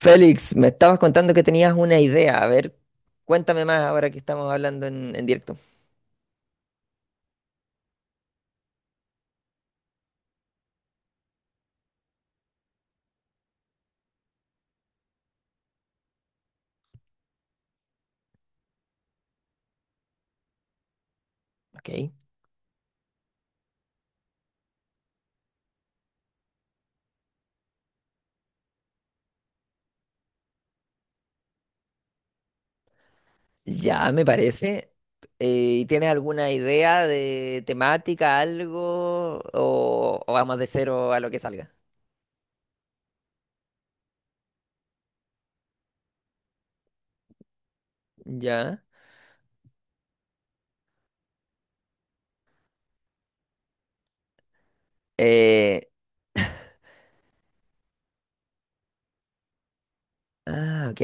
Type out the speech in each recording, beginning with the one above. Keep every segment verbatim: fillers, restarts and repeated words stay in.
Félix, me estabas contando que tenías una idea. A ver, cuéntame más ahora que estamos hablando en, en directo. Ok. Ya, me parece. Eh, ¿y ¿tienes alguna idea de temática, algo? ¿O, o vamos de cero a lo que salga? Ya. Eh, ah, ok.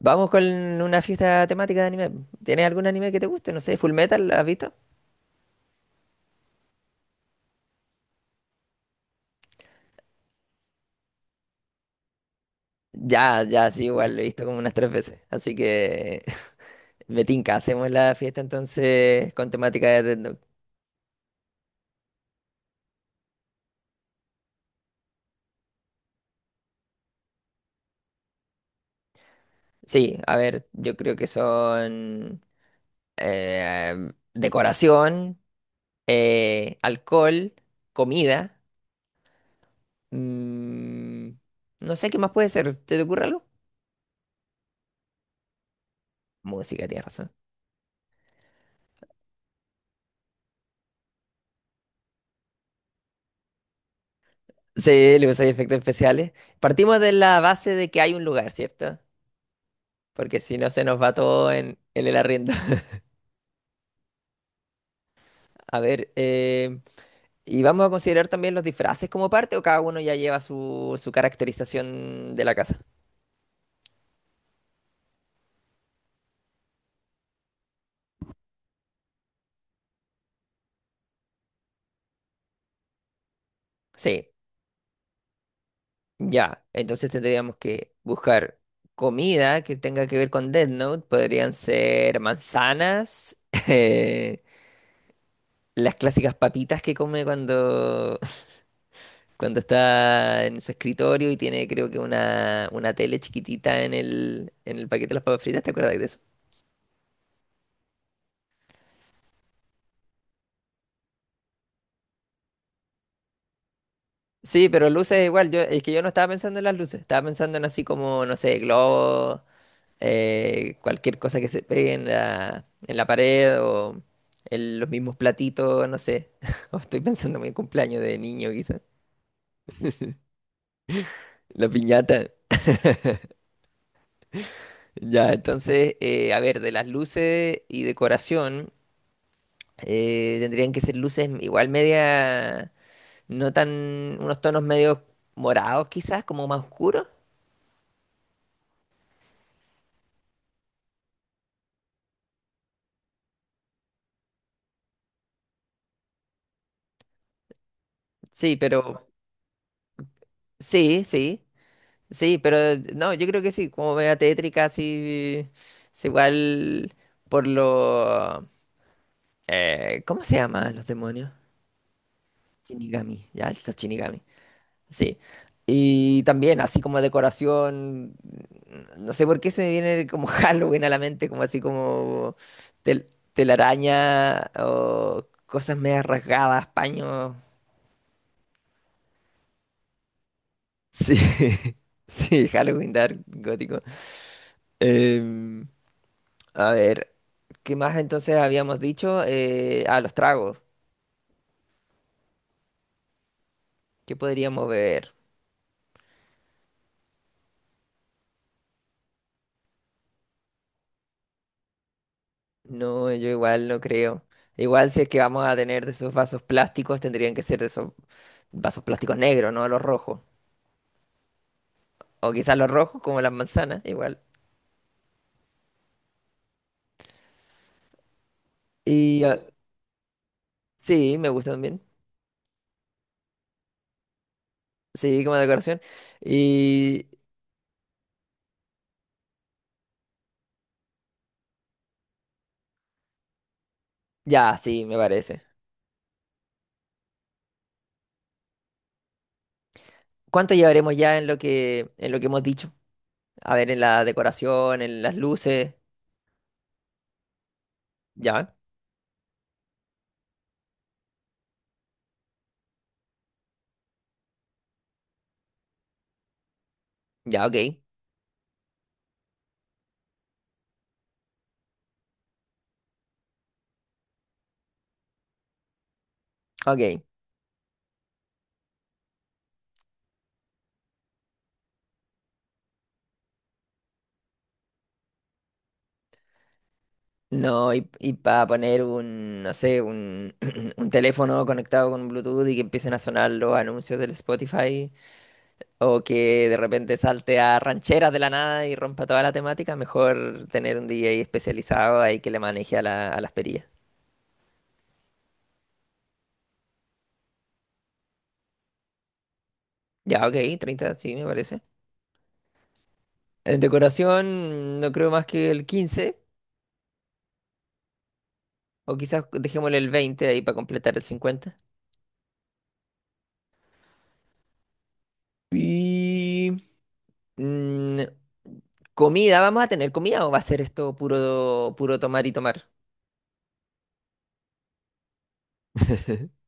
Vamos con una fiesta temática de anime. ¿Tienes algún anime que te guste? No sé, Full Metal, ¿has visto? Ya, ya, sí, igual, lo he visto como unas tres veces. Así que me tinca, hacemos la fiesta entonces con temática de Death Note. Sí, a ver, yo creo que son eh, decoración, eh, alcohol, comida. mm, no sé qué más puede ser. ¿Te te ocurre algo? Música, tienes razón. Sí, le usáis efectos especiales. Partimos de la base de que hay un lugar, ¿cierto? Porque si no se nos va todo en, en el arriendo. A ver, eh, ¿y vamos a considerar también los disfraces como parte o cada uno ya lleva su, su caracterización de la casa? Sí. Ya, entonces tendríamos que buscar comida que tenga que ver con Death Note. Podrían ser manzanas, eh, las clásicas papitas que come cuando, cuando está en su escritorio y tiene creo que una, una tele chiquitita en el, en el paquete de las papas fritas. ¿Te acuerdas de eso? Sí, pero luces igual. Yo, es que yo no estaba pensando en las luces. Estaba pensando en así como, no sé, globos eh, cualquier cosa que se pegue en la, en la pared o el- los mismos platitos, no sé. O estoy pensando en mi cumpleaños de niño, quizás. La piñata. Ya, entonces, eh, a ver, de las luces y decoración, eh, tendrían que ser luces igual media, no tan, unos tonos medio morados quizás, como más oscuros. Sí, pero sí, sí. Sí, pero eh, no, yo creo que sí, como media tétrica, así. Es igual por lo. Eh, ¿cómo se llaman los demonios? Shinigami, ya, los Shinigami. Sí. Y también, así como decoración. mm, No sé por qué se me viene como Halloween a la mente, como así como tel- telaraña o cosas medias rasgadas, paños. Sí, sí, Halloween Dark Gótico. Em, a ver. ¿Qué más entonces habíamos dicho? Eh, a los tragos. ¿Qué podríamos beber? No, yo igual no creo. Igual si es que vamos a tener de esos vasos plásticos, tendrían que ser de esos vasos plásticos negros, no los rojos. O quizás los rojos, como las manzanas, igual. Y ah, sí, me gusta también. Sí, como decoración. Y ya, sí, me parece. ¿Cuánto llevaremos ya en lo que, en lo que hemos dicho? A ver, en la decoración, en las luces. Ya, ya, ok. Ok. No, y, y para poner un, no sé, un, un teléfono conectado con Bluetooth y que empiecen a sonar los anuncios del Spotify, o que de repente salte a rancheras de la nada y rompa toda la temática, mejor tener un D J especializado ahí que le maneje a, la- a las perillas. Ya, ok, treinta sí, me parece. En decoración, no creo más que el quince o quizás dejémosle el veinte ahí para completar el cincuenta. Y... Mm, comida, ¿vamos a tener comida o va a ser esto puro, puro tomar y tomar?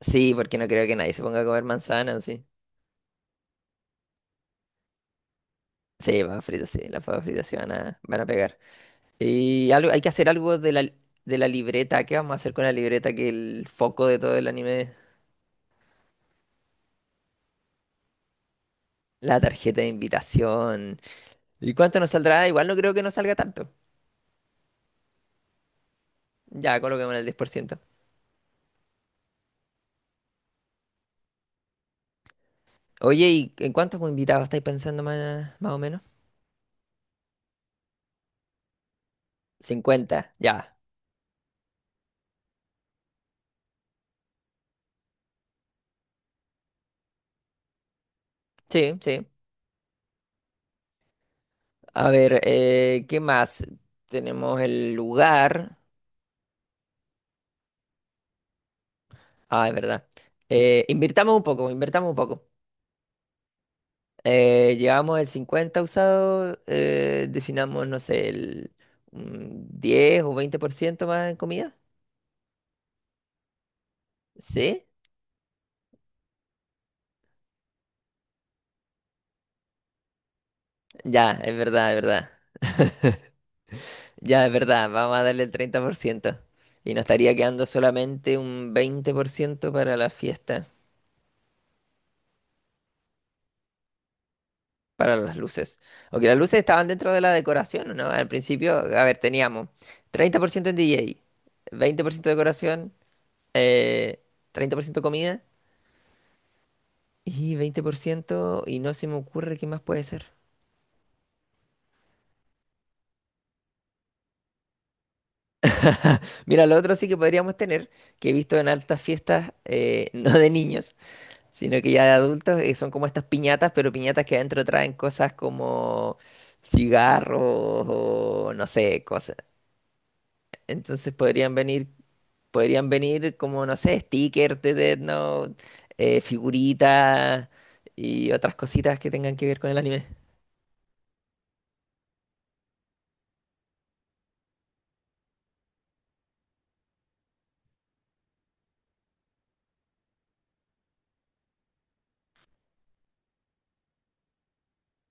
Sí, porque no creo que nadie se ponga a comer manzana, ¿o sí? Sí, papas fritas, sí, las papas fritas sí van a, van a pegar. Y algo, hay que hacer algo de la, de la libreta. ¿Qué vamos a hacer con la libreta que el foco de todo el anime? La tarjeta de invitación. ¿Y cuánto nos saldrá? Igual no creo que nos salga tanto. Ya, coloquemos el diez por ciento. Oye, ¿y en cuántos invitados estáis pensando más, más o menos? Cincuenta, ya. Sí, sí. A ver, eh, ¿qué más? Tenemos el lugar. Ah, es verdad. Eh, invirtamos un poco, invertamos un poco. Eh, llevamos el cincuenta usado, eh, definamos, no sé, el un diez o veinte por ciento más en comida. ¿Sí? Ya, es verdad, es verdad. Ya, es verdad, vamos a darle el treinta por ciento. Y nos estaría quedando solamente un veinte por ciento para la fiesta. Para las luces. Ok, las luces estaban dentro de la decoración, ¿no? Al principio, a ver, teníamos treinta por ciento en D J, veinte por ciento decoración, eh, treinta por ciento comida y veinte por ciento, y no se me ocurre qué más puede ser. Mira, lo otro sí que podríamos tener, que he visto en altas fiestas, eh, no de niños, sino que ya de adultos, que son como estas piñatas, pero piñatas que adentro traen cosas como cigarros o no sé, cosas. Entonces podrían venir. Podrían venir como, no sé, stickers de Death Note, eh, figuritas y otras cositas que tengan que ver con el anime.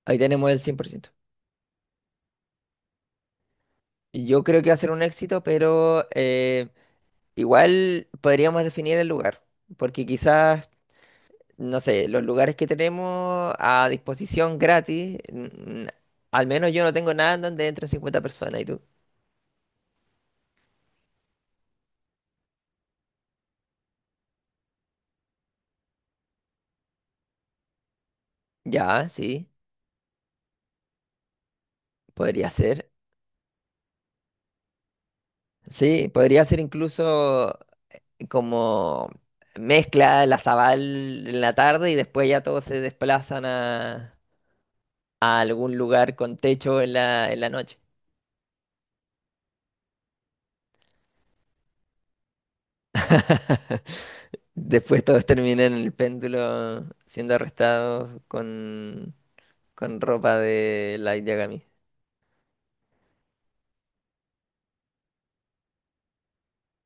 Ahí tenemos el cien por ciento. Y yo creo que va a ser un éxito, pero eh, igual podríamos definir el lugar, porque quizás, no sé, los lugares que tenemos a disposición gratis, mm, al menos yo no tengo nada en donde entren cincuenta personas, ¿y tú? Ya, sí, podría ser. Sí, podría ser incluso como mezcla la Zabal en la tarde y después ya todos se desplazan a, a algún lugar con techo en la, en la noche. Después todos terminan en el péndulo siendo arrestados con, con ropa de Light Yagami.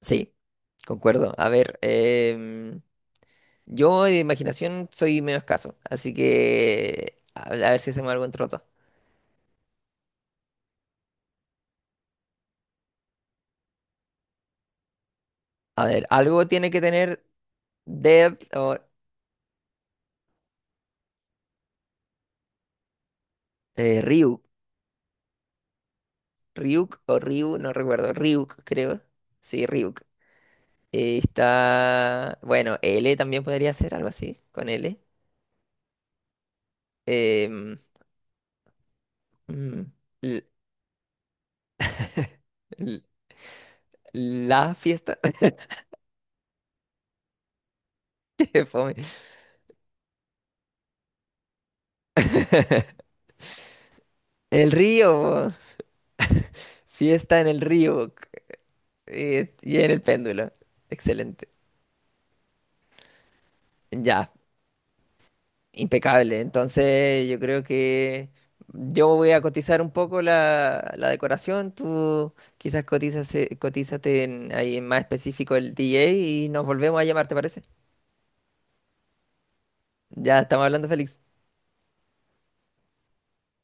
Sí, concuerdo. A ver, em, yo de imaginación soy medio escaso, así que a, a ver si hacemos algo en troto. A ver, algo tiene que tener Dead o eh, Ryuk. Ryuk o Ryu, no recuerdo. Ryuk, creo. Sí, Ryuk. Eh, está. Bueno, L también podría ser algo así, con L. Em, mm, l- l- la fiesta. Fome. El río. Fiesta en el río. Eh, y en el péndulo. Excelente. Ya. Impecable. Entonces, yo creo que yo voy a cotizar un poco la, la decoración. Tú quizás cotizas, eh, cotízate en- ahí en más específico el D J y nos volvemos a llamar, ¿te parece? Ya estamos hablando, Félix.